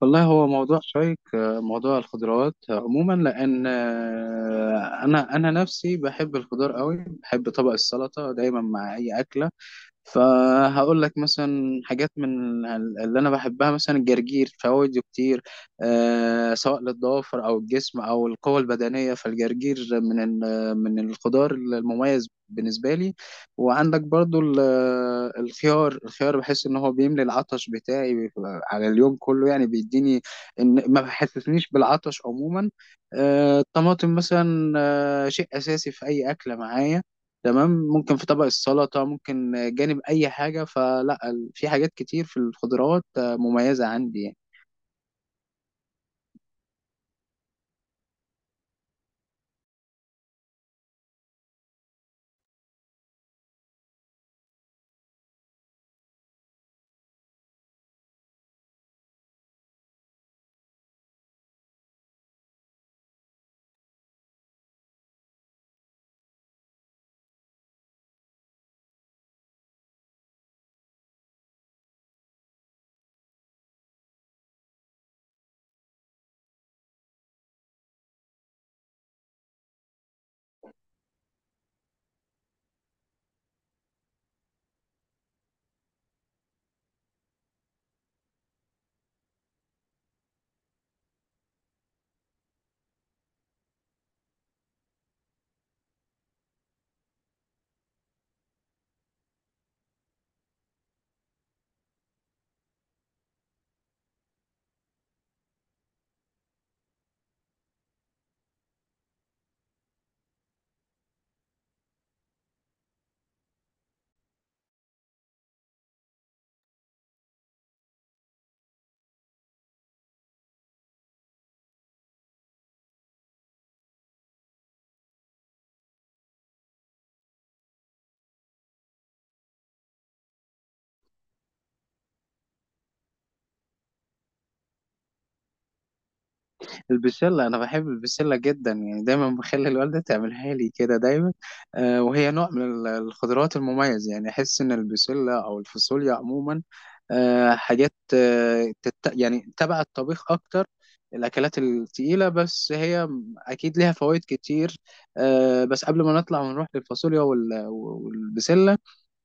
والله هو موضوع شيق، موضوع الخضروات عموما لان آه، انا انا نفسي بحب الخضار قوي. بحب طبق السلطه دايما مع اي اكله. فهقول لك مثلا حاجات اللي انا بحبها. مثلا الجرجير، فوائده كتير، آه، سواء للضوافر او الجسم او القوة البدنية. فالجرجير من الخضار المميز بالنسبة لي. وعندك برضو الخيار بحس ان هو بيملي العطش بتاعي، بيبقى على اليوم كله يعني، بيديني ان ما بحسسنيش بالعطش عموما. آه، الطماطم مثلا، آه، شيء اساسي في اي اكلة معايا. تمام، ممكن في طبق السلطة، ممكن جانب أي حاجة. فلا في حاجات كتير في الخضروات آه، مميزة عندي يعني. البسلة، أنا بحب البسلة جدا يعني، دايما بخلي الوالدة تعملها لي كده دايما. آه، وهي نوع من الخضروات المميز. يعني أحس إن البسلة أو الفاصوليا عموما آه، حاجات آه، يعني تبع الطبيخ أكتر، الأكلات التقيلة. بس هي أكيد ليها فوائد كتير. آه، بس قبل ما نطلع ونروح للفاصوليا والبسلة،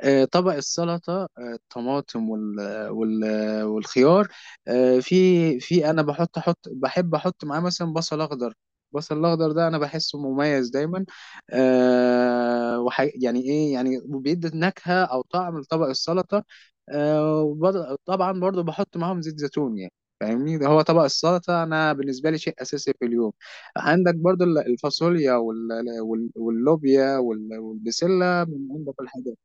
آه، طبق السلطة، آه، الطماطم وال وال والخيار آه، في في أنا بحط أحط بحب أحط معاه مثلا بصل أخضر. البصل الأخضر ده أنا بحسه مميز دايما. آه، يعني إيه، يعني بيدي نكهة أو طعم لطبق السلطة. آه، طبعا برضو بحط معاهم زيت زيتون يعني، فاهمني. ده هو طبق السلطة أنا بالنسبة لي شيء أساسي في اليوم. عندك برضو الفاصوليا واللوبيا والبسلة، من أنضف الحاجات.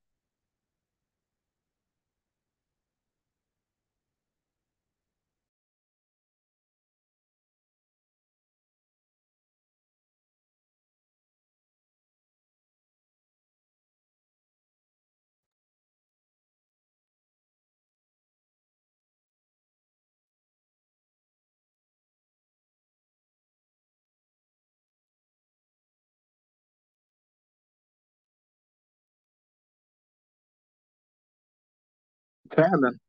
فعلا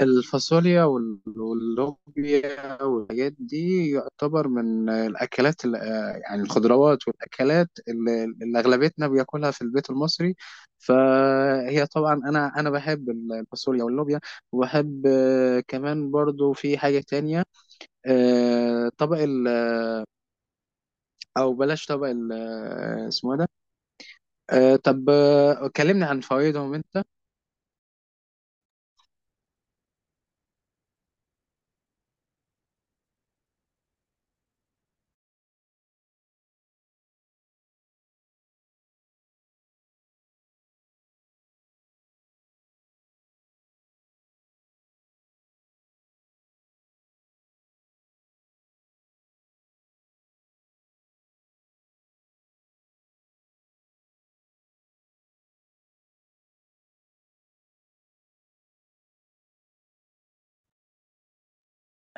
الفاصوليا واللوبيا والحاجات دي يعتبر من يعني الخضروات والأكلات اللي أغلبيتنا بياكلها في البيت المصري. فهي طبعا أنا بحب الفاصوليا واللوبيا، وبحب آه، كمان برضو في حاجة تانية. آه، طبق ال، أو بلاش، طبق ال آه، اسمه إيه ده؟ آه، طب آه، كلمني عن فوائدهم أنت.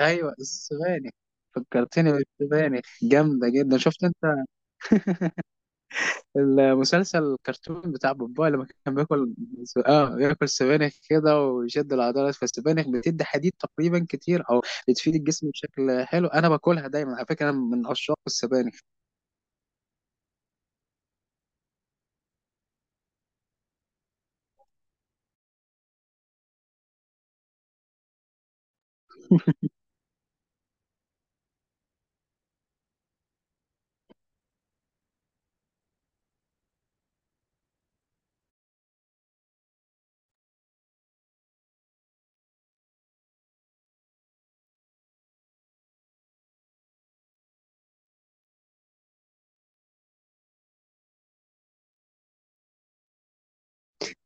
أيوه، السبانخ، فكرتني بالسبانخ. جامدة جدا. شفت أنت المسلسل الكرتون بتاع بابا لما كان بياكل؟ اه، بياكل سبانخ كده ويشد العضلات. فالسبانخ بتدي حديد تقريبا كتير، او بتفيد الجسم بشكل حلو. انا باكلها دايما على فكره، انا من عشاق السبانخ.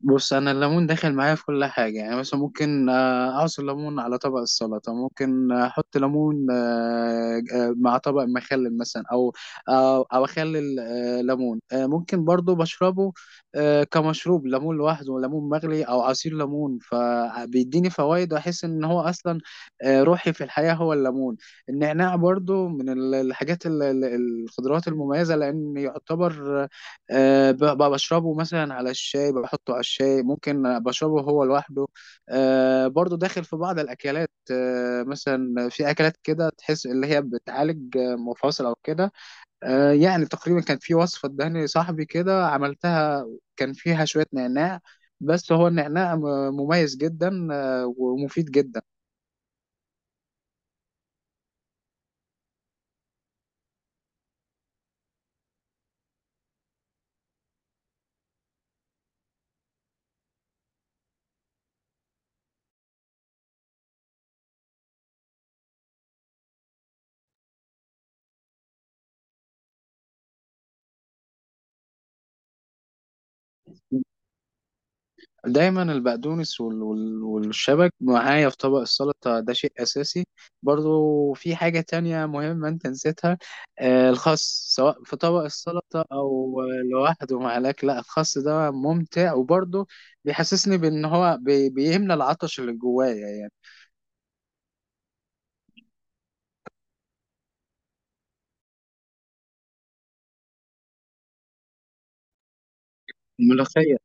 بص، انا الليمون داخل معايا في كل حاجه، يعني مثلا ممكن آه، اعصر ليمون على طبق السلطه، ممكن احط ليمون آه، آه، مع طبق مخلل مثلا، او اخلل آه، ليمون آه، ممكن برضو بشربه آه، كمشروب ليمون لوحده، ليمون مغلي او عصير ليمون. فبيديني فوائد واحس ان هو اصلا آه، روحي في الحياه هو الليمون. النعناع برضو من الحاجات الخضروات المميزه، لان يعتبر أه، بشربه مثلا على الشاي، بحطه على الشاي، ممكن بشربه هو لوحده. أه برضو داخل في بعض الأكلات، أه مثلا في أكلات كده تحس اللي هي بتعالج آه، مفاصل أو كده. أه يعني تقريبا كان في وصفة اداني صاحبي كده عملتها، كان فيها شوية نعناع. بس هو النعناع مميز جدا آه، ومفيد جدا. دايما البقدونس والشبك معايا في طبق السلطة، ده شيء أساسي. برضو في حاجة تانية مهمة أنت نسيتها، آه، الخس، سواء في طبق السلطة أو آه، لوحده مع الأكل. لا، الخس ده ممتع، وبرضو بيحسسني بأن هو بيملى العطش اللي جوايا يعني. الملوخية،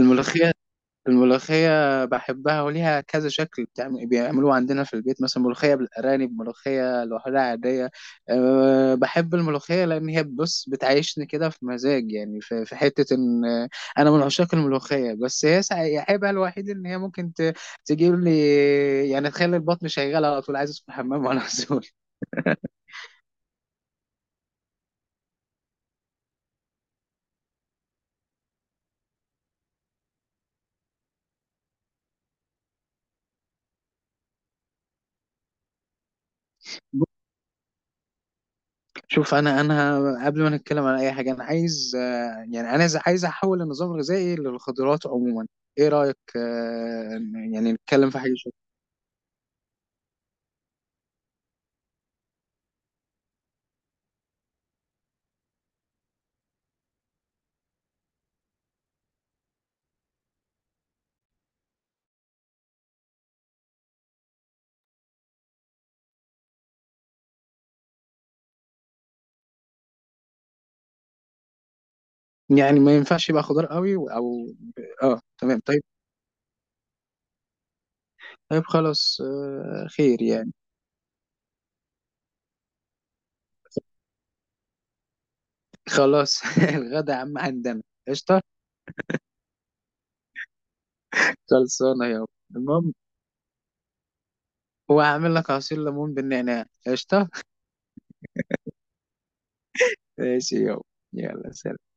الملوخية، الملوخية بحبها وليها كذا شكل، بيعملوها عندنا في البيت، مثلا ملوخية بالأرانب، ملوخية لوحدها عادية. أه، بحب الملوخية لأن هي، بص، بتعيشني كده في مزاج، يعني في, في حتة إن آه، أنا من عشاق الملوخية. بس هي عيبها الوحيد إن هي ممكن تجيب لي، يعني تخلي البطن شغال على طول، عايز أدخل الحمام وأنا مسؤول. شوف، انا قبل ما نتكلم على اي حاجه، انا عايز آه، يعني انا عايز احول النظام الغذائي للخضروات عموما. ايه رايك آه، يعني نتكلم في حاجه شويه؟ يعني ما ينفعش يبقى خضار قوي او. اه تمام، طيب. طيب خلاص، آه، خير يعني. خلاص، الغدا عم عندنا، قشطه. خلصانه يابا. المهم، وهعمل لك عصير ليمون بالنعناع، قشطه. ماشي يابا. يلا، سلام.